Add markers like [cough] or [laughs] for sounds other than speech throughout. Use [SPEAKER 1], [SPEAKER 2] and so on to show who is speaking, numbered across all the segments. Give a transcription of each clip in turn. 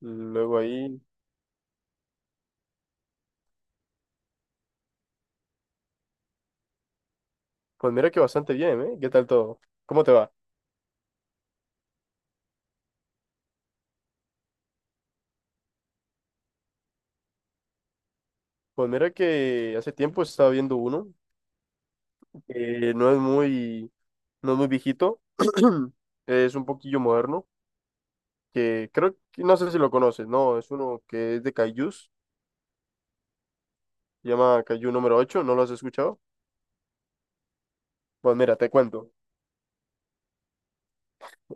[SPEAKER 1] Luego ahí, pues mira que bastante bien, ¿eh? ¿Qué tal todo? ¿Cómo te va? Pues mira que hace tiempo estaba viendo uno que no es muy viejito, [clears throat] es un poquillo moderno, que creo que, no sé si lo conoces, no, es uno que es de Kaijus, se llama Kaiju número ocho. ¿No lo has escuchado? Pues mira, te cuento.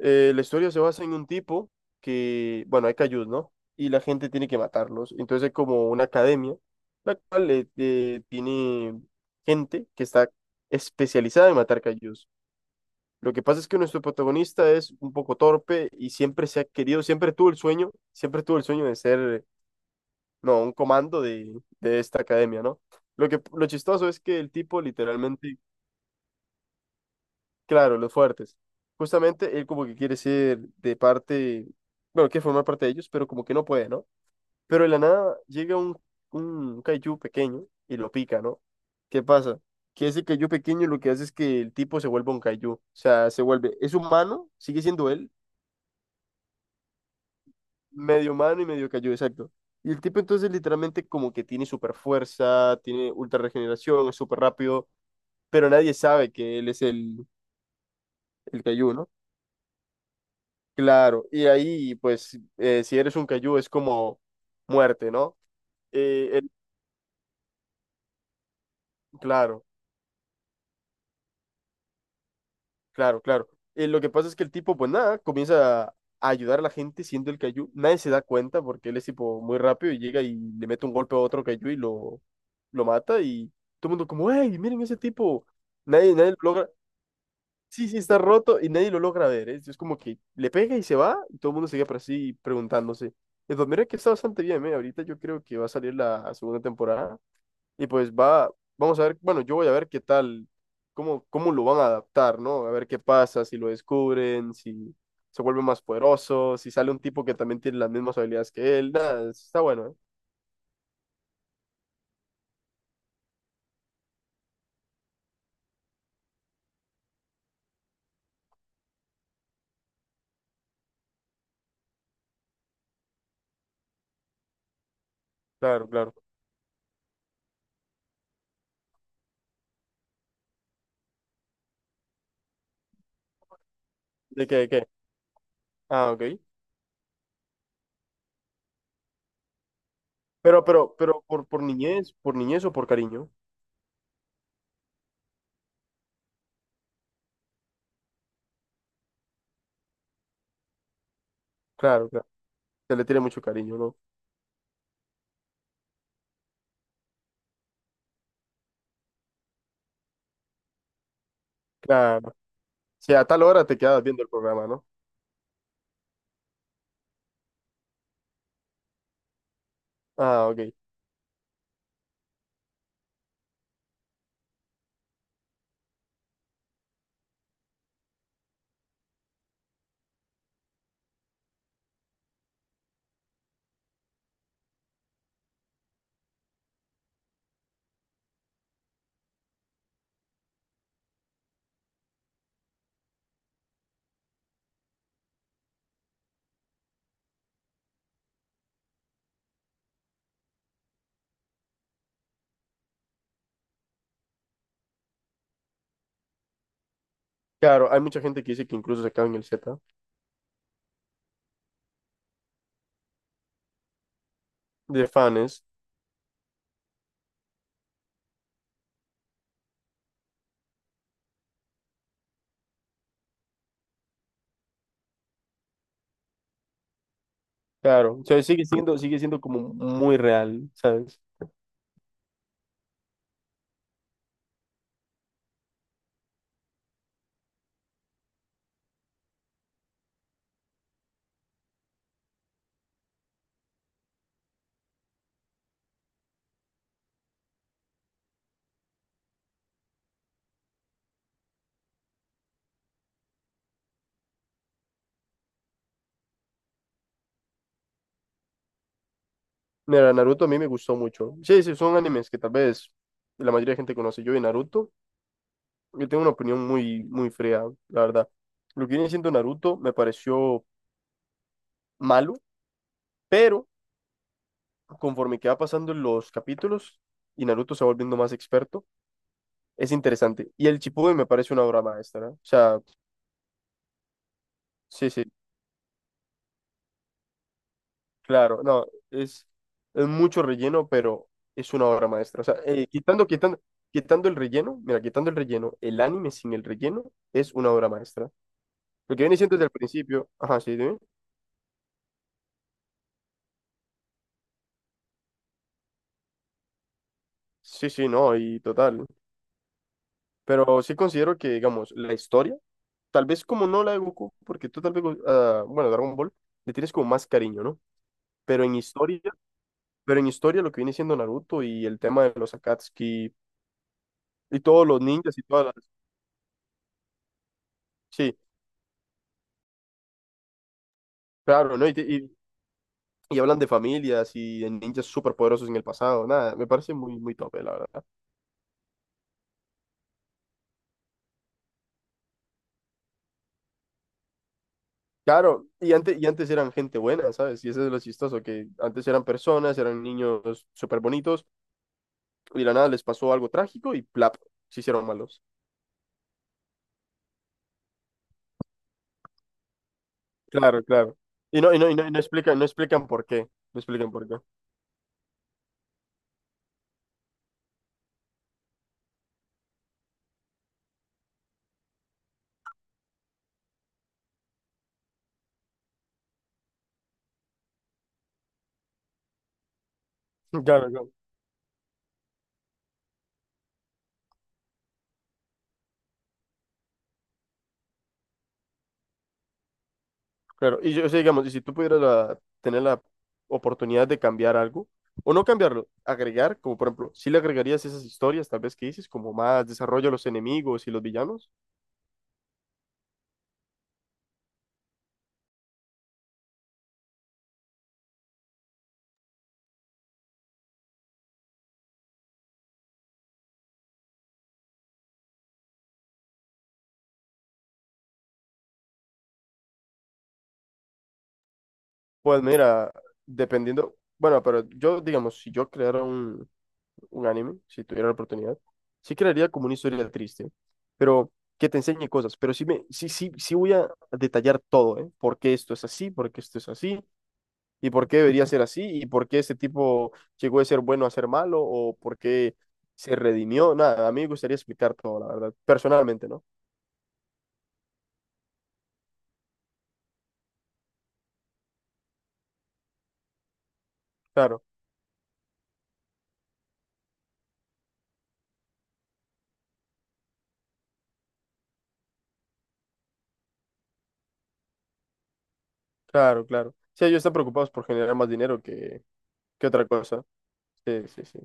[SPEAKER 1] La historia se basa en un tipo que, bueno, hay cayus, ¿no? Y la gente tiene que matarlos. Entonces hay como una academia, la cual tiene gente que está especializada en matar cayus. Lo que pasa es que nuestro protagonista es un poco torpe y siempre se ha querido, siempre tuvo el sueño de ser, no, un comando de esta academia, ¿no? Lo chistoso es que el tipo literalmente. Claro, los fuertes. Justamente él como que quiere ser de parte, bueno, quiere formar parte de ellos, pero como que no puede, ¿no? Pero de la nada llega un kaiju pequeño y lo pica, ¿no? ¿Qué pasa? Que ese kaiju pequeño lo que hace es que el tipo se vuelve un kaiju, o sea, se vuelve, es humano, sigue siendo él, medio humano y medio kaiju, exacto. Y el tipo entonces literalmente como que tiene super fuerza, tiene ultra regeneración, es súper rápido, pero nadie sabe que él es el kaiju, ¿no? Claro, y ahí, pues, si eres un cayú es como muerte, ¿no? Eh, el- claro, claro, claro. Lo que pasa es que el tipo, pues nada, comienza a ayudar a la gente siendo el cayú. Nadie se da cuenta porque él es tipo muy rápido y llega y le mete un golpe a otro cayú y lo mata y todo el mundo como, ¡Ey, miren ese tipo! Nadie lo logra, sí, sí, está roto y nadie lo logra ver, ¿eh? Es como que le pega y se va y todo el mundo sigue por así preguntándose. Entonces, mira que está bastante bien, ¿eh? Ahorita yo creo que va a salir la segunda temporada. Y pues vamos a ver, bueno, yo voy a ver qué tal, cómo lo van a adaptar, ¿no? A ver qué pasa, si lo descubren, si se vuelve más poderoso, si sale un tipo que también tiene las mismas habilidades que él, nada, está bueno, ¿eh? Claro, claro. ¿De qué, de qué? Ah, ok. Por niñez o por cariño. Claro, claro. Se le tiene mucho cariño, ¿no? Claro. Si a tal hora te quedas viendo el programa, ¿no? Ah, ok. Claro, hay mucha gente que dice que incluso se quedan en el Z, de fans. Claro, o sea, sigue siendo como muy real, ¿sabes? Mira, Naruto a mí me gustó mucho. Sí, sí, son animes que tal vez la mayoría de gente conoce. Yo de Naruto, yo tengo una opinión muy, muy fría, la verdad. Lo que viene siendo Naruto me pareció malo, pero conforme que va pasando los capítulos y Naruto se va volviendo más experto, es interesante. Y el Shippuden me parece una obra maestra, ¿no? O sea, sí, sí. Claro, no, es, es mucho relleno, pero es una obra maestra. O sea, quitando el relleno, mira, quitando el relleno, el anime sin el relleno es una obra maestra. Lo que viene siendo desde el principio, ajá, sí, dime. Sí, sí, no, y total. Pero sí considero que, digamos, la historia, tal vez como no la de Goku, porque tú tal vez, ah, bueno, Dragon Ball, le tienes como más cariño, ¿no? Pero en historia, pero en historia lo que viene siendo Naruto y el tema de los Akatsuki y todos los ninjas y todas las... Sí, claro, ¿no? Y hablan de familias y de ninjas superpoderosos en el pasado. Nada, me parece muy, muy tope, la verdad. Claro, y antes eran gente buena, ¿sabes? Y eso es lo chistoso, que antes eran personas, eran niños súper bonitos, y de la nada les pasó algo trágico y plap, se hicieron malos. Claro, claro. Y no explican, no explican por qué. No explican por qué. [laughs] Claro, claro. Claro, y yo, o sea, digamos, y si tú pudieras tener la oportunidad de cambiar algo, o no cambiarlo, agregar, como por ejemplo, si le agregarías esas historias, tal vez que dices, como más desarrollo a los enemigos y los villanos, pues mira, dependiendo, bueno, pero yo, digamos, si yo creara un anime, si tuviera la oportunidad, sí crearía como una historia triste, pero que te enseñe cosas, pero sí, sí, sí, sí voy a detallar todo, ¿eh? ¿Por qué esto es así? ¿Por qué esto es así? Y por qué debería ser así y por qué ese tipo llegó de ser bueno a ser malo o por qué se redimió. Nada, a mí me gustaría explicar todo, la verdad, personalmente, ¿no? Claro, claro, claro. Sí, ellos están preocupados por generar más dinero que otra cosa. Sí, sí, sí.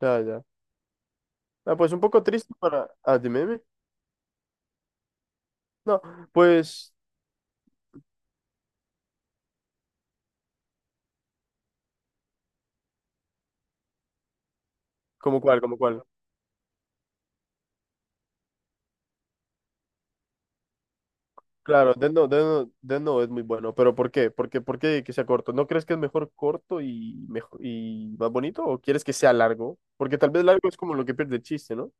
[SPEAKER 1] Ya, ya. Ah, pues un poco triste para... Ah, dime, dime. No, pues, ¿como cuál, como cuál? Claro, Death Note es muy bueno, pero ¿por qué? ¿Por qué que sea corto? ¿No crees que es mejor corto y, mejor, y más bonito o quieres que sea largo? Porque tal vez largo es como lo que pierde el chiste, ¿no?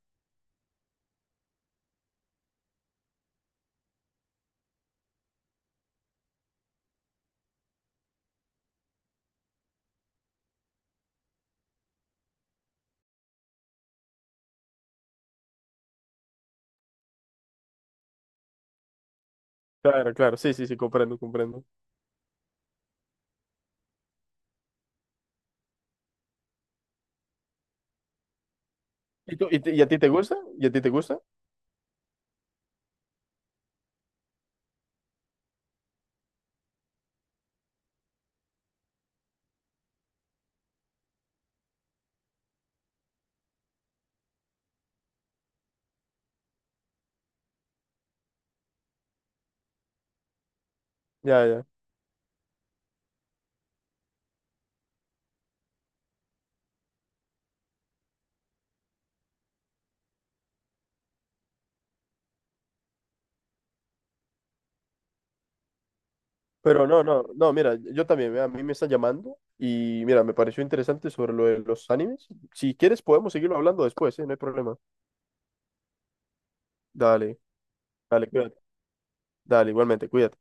[SPEAKER 1] Claro, claro, sí, sí, sí, comprendo, comprendo. ¿Y a ti te gusta? ¿Y a ti te gusta? Ya, ya. Pero no, no, no, mira, yo también, mira, a mí me está llamando y mira, me pareció interesante sobre lo de los animes. Si quieres podemos seguirlo hablando después, ¿eh? No hay problema. Dale, dale, cuídate. Dale, igualmente, cuídate.